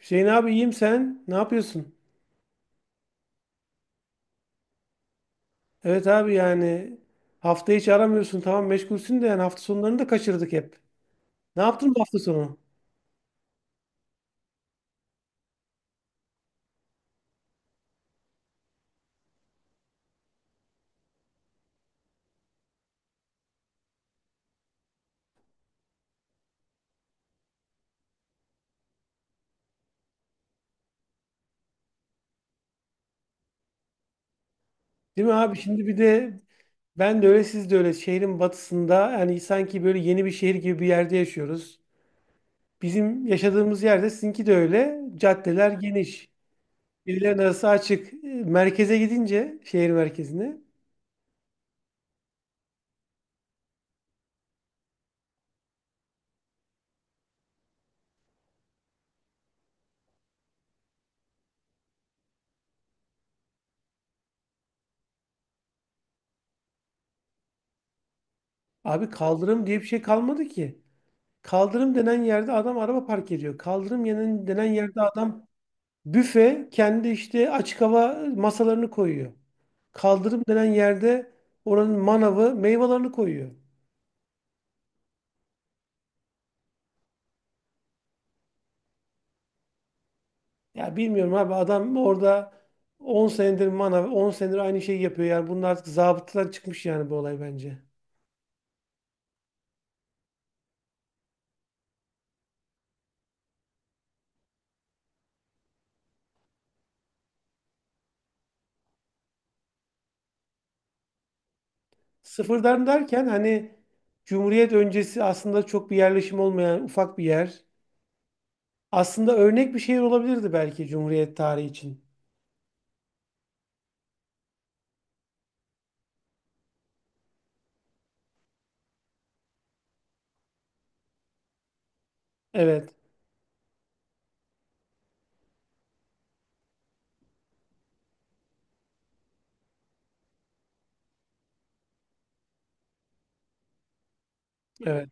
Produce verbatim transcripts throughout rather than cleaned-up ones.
Hüseyin abi iyiyim sen. Ne yapıyorsun? Evet abi yani hafta hiç aramıyorsun. Tamam meşgulsün de yani hafta sonlarını da kaçırdık hep. Ne yaptın bu hafta sonu? Değil mi abi? Şimdi bir de ben de öyle siz de öyle şehrin batısında yani sanki böyle yeni bir şehir gibi bir yerde yaşıyoruz. Bizim yaşadığımız yerde sizinki de öyle. Caddeler geniş. Birilerin arası açık. E, Merkeze gidince şehir merkezine, abi, kaldırım diye bir şey kalmadı ki. Kaldırım denen yerde adam araba park ediyor. Kaldırım yenen- denen yerde adam, büfe kendi işte açık hava masalarını koyuyor. Kaldırım denen yerde oranın manavı meyvelerini koyuyor. Ya bilmiyorum abi, adam orada on senedir manav, on senedir aynı şeyi yapıyor. Yani bunun artık zabıtadan çıkmış yani, bu olay bence. Sıfırdan derken hani Cumhuriyet öncesi aslında çok bir yerleşim olmayan ufak bir yer. Aslında örnek bir şehir olabilirdi belki Cumhuriyet tarihi için. Evet, evet.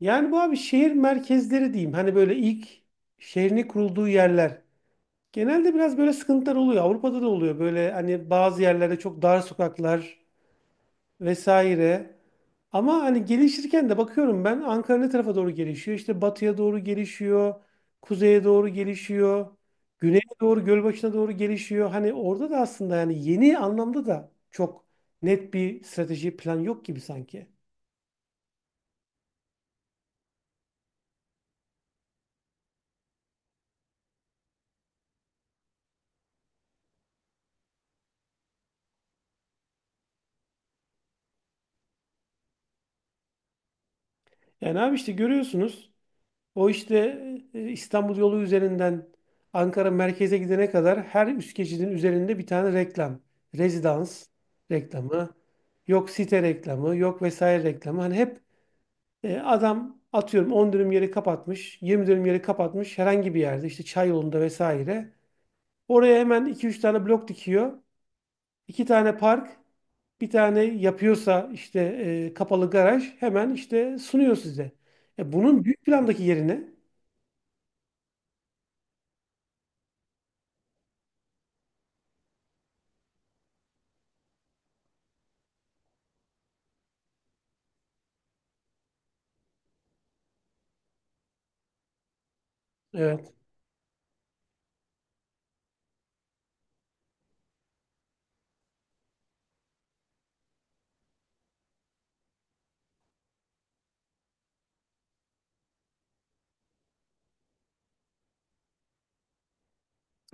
Yani bu abi şehir merkezleri diyeyim. Hani böyle ilk şehrini kurulduğu yerler. Genelde biraz böyle sıkıntılar oluyor. Avrupa'da da oluyor. Böyle hani bazı yerlerde çok dar sokaklar vesaire. Ama hani gelişirken de bakıyorum, ben Ankara ne tarafa doğru gelişiyor? İşte batıya doğru gelişiyor. Kuzeye doğru gelişiyor. Güneye doğru, Gölbaşı'na doğru gelişiyor. Hani orada da aslında yani yeni anlamda da çok net bir strateji plan yok gibi sanki. Yani abi işte görüyorsunuz. O işte e, İstanbul yolu üzerinden Ankara merkeze gidene kadar her üst geçidin üzerinde bir tane reklam. Rezidans reklamı, yok site reklamı, yok vesaire reklamı. Hani hep e, adam atıyorum on dönüm yeri kapatmış, yirmi dönüm yeri kapatmış herhangi bir yerde işte çay yolunda vesaire. Oraya hemen iki üç tane blok dikiyor. İki tane park, bir tane yapıyorsa işte e, kapalı garaj hemen işte sunuyor size. E, bunun büyük plandaki yerine. Evet,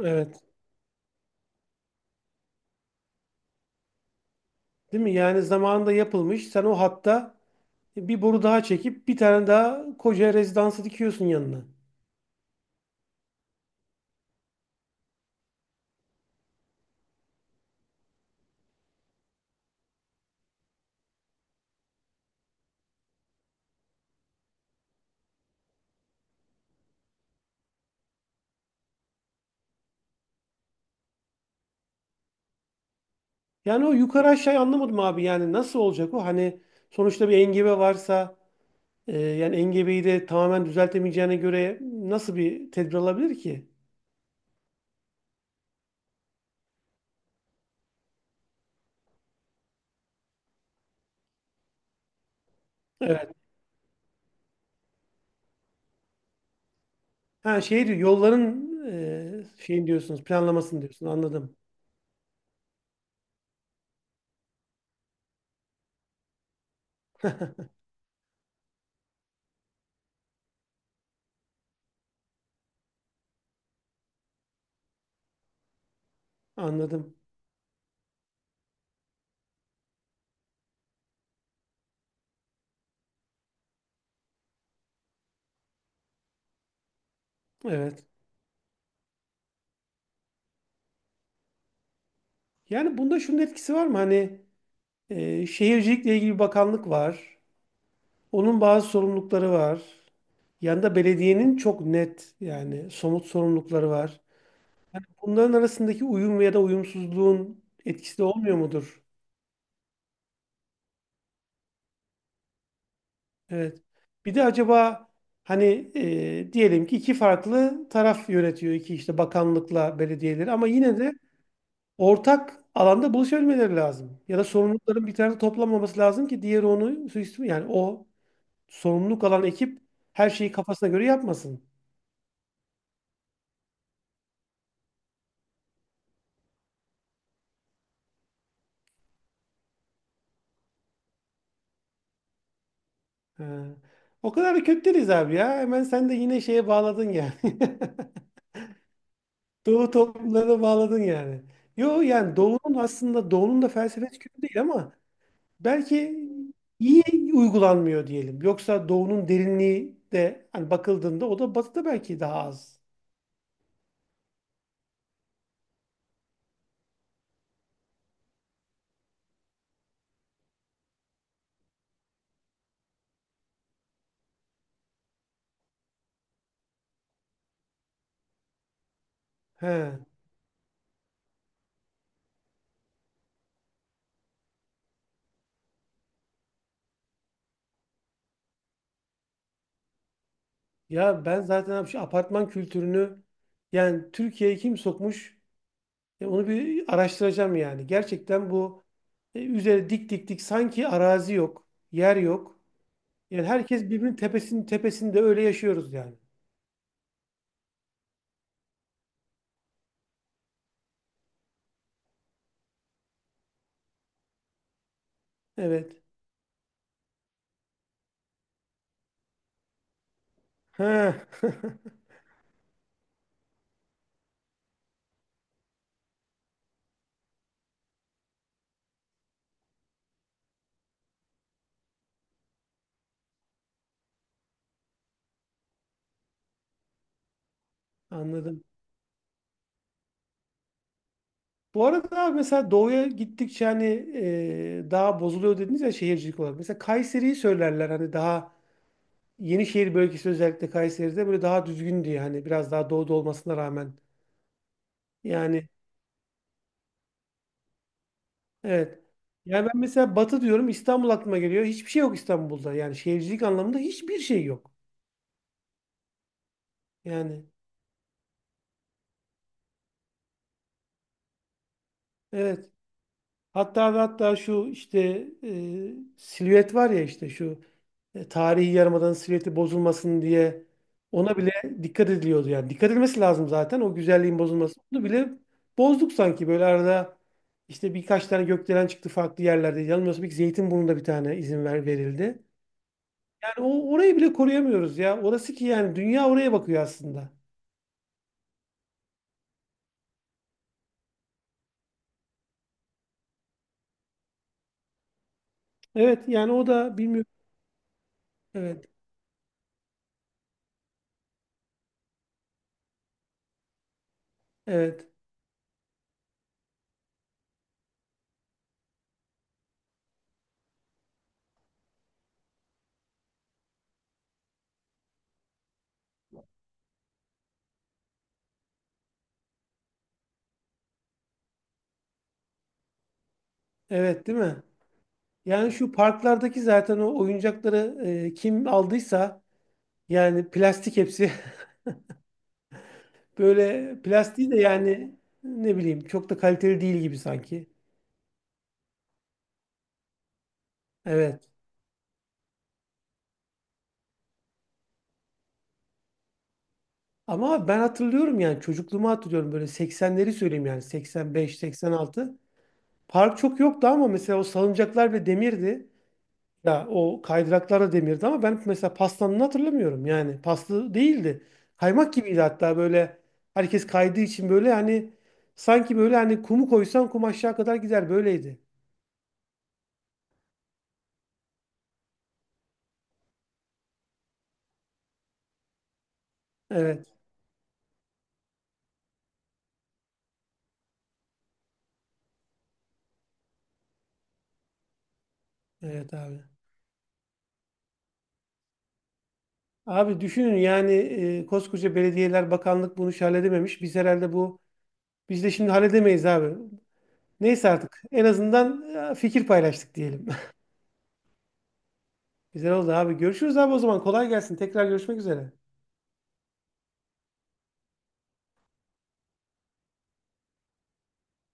evet. Değil mi? Yani zamanında yapılmış. Sen o hatta bir boru daha çekip bir tane daha koca rezidansı dikiyorsun yanına. Yani o yukarı aşağı anlamadım abi. Yani nasıl olacak o? Hani sonuçta bir engebe varsa e, yani engebeyi de tamamen düzeltemeyeceğine göre nasıl bir tedbir alabilir ki? Evet. Ha, şey diyor yolların, e, şeyin diyorsunuz, planlamasını diyorsun. Anladım. Anladım. Evet. Yani bunda şunun etkisi var mı? Hani e, şehircilikle ilgili bir bakanlık var. Onun bazı sorumlulukları var. Yanında belediyenin çok net yani somut sorumlulukları var. Bunların arasındaki uyum ya da uyumsuzluğun etkisi de olmuyor mudur? Evet. Bir de acaba hani e, diyelim ki iki farklı taraf yönetiyor, iki işte bakanlıkla belediyeleri, ama yine de ortak alanda buluşabilmeleri lazım. Ya da sorumlulukların bir tarafta toplanmaması lazım ki diğeri onu suistimal, yani o sorumluluk alan ekip her şeyi kafasına göre yapmasın. Ha. O kadar da kötü değiliz abi ya. Hemen sen de yine şeye bağladın yani. Doğu toplumlarına bağladın yani. Yo yani Doğu'nun, aslında Doğu'nun da felsefesi kötü değil ama belki iyi uygulanmıyor diyelim. Yoksa Doğu'nun derinliği de hani bakıldığında o da Batı'da belki daha az. He. Ya ben zaten abi şu apartman kültürünü, yani Türkiye'ye kim sokmuş? E, onu bir araştıracağım yani. Gerçekten bu e, üzeri dik dik dik sanki arazi yok, yer yok. Yani herkes birbirinin tepesinin tepesinde öyle yaşıyoruz yani. Evet. Ha. Anladım. Bu arada abi mesela doğuya gittikçe hani e, daha bozuluyor dediniz ya şehircilik olarak. Mesela Kayseri'yi söylerler hani daha Yenişehir bölgesi özellikle Kayseri'de böyle daha düzgün diye, hani biraz daha doğuda olmasına rağmen. Yani evet. Yani ben mesela Batı diyorum, İstanbul aklıma geliyor. Hiçbir şey yok İstanbul'da. Yani şehircilik anlamında hiçbir şey yok. Yani evet. Hatta ve hatta şu işte e, silüet var ya, işte şu e, tarihi yarımadanın silüeti bozulmasın diye ona bile dikkat ediliyordu yani. Dikkat edilmesi lazım zaten, o güzelliğin bozulması. Onu bile bozduk sanki, böyle arada işte birkaç tane gökdelen çıktı farklı yerlerde. Yanılmıyorsam bir Zeytinburnu'nda bir tane izin ver, verildi. Yani o orayı bile koruyamıyoruz ya. Orası ki yani dünya oraya bakıyor aslında. Evet yani o da bilmiyorum. Evet. Evet. Evet, değil mi? Yani şu parklardaki zaten o oyuncakları, e, kim aldıysa yani, plastik hepsi. Böyle plastiği de yani ne bileyim çok da kaliteli değil gibi sanki. Evet. Ama ben hatırlıyorum, yani çocukluğumu hatırlıyorum, böyle seksenleri söyleyeyim yani, seksen beş, seksen altı. Park çok yoktu ama mesela o salıncaklar bile demirdi. Ya o kaydıraklar da demirdi ama ben mesela pastanını hatırlamıyorum. Yani paslı değildi. Kaymak gibiydi hatta, böyle herkes kaydığı için, böyle hani sanki böyle hani kumu koysan kum aşağı kadar gider böyleydi. Evet. Evet abi. Abi düşünün yani, e, koskoca belediyeler, bakanlık bunu hiç halledememiş. Biz herhalde bu, biz de şimdi halledemeyiz abi. Neyse artık en azından e, fikir paylaştık diyelim. Güzel oldu abi. Görüşürüz abi o zaman. Kolay gelsin. Tekrar görüşmek üzere.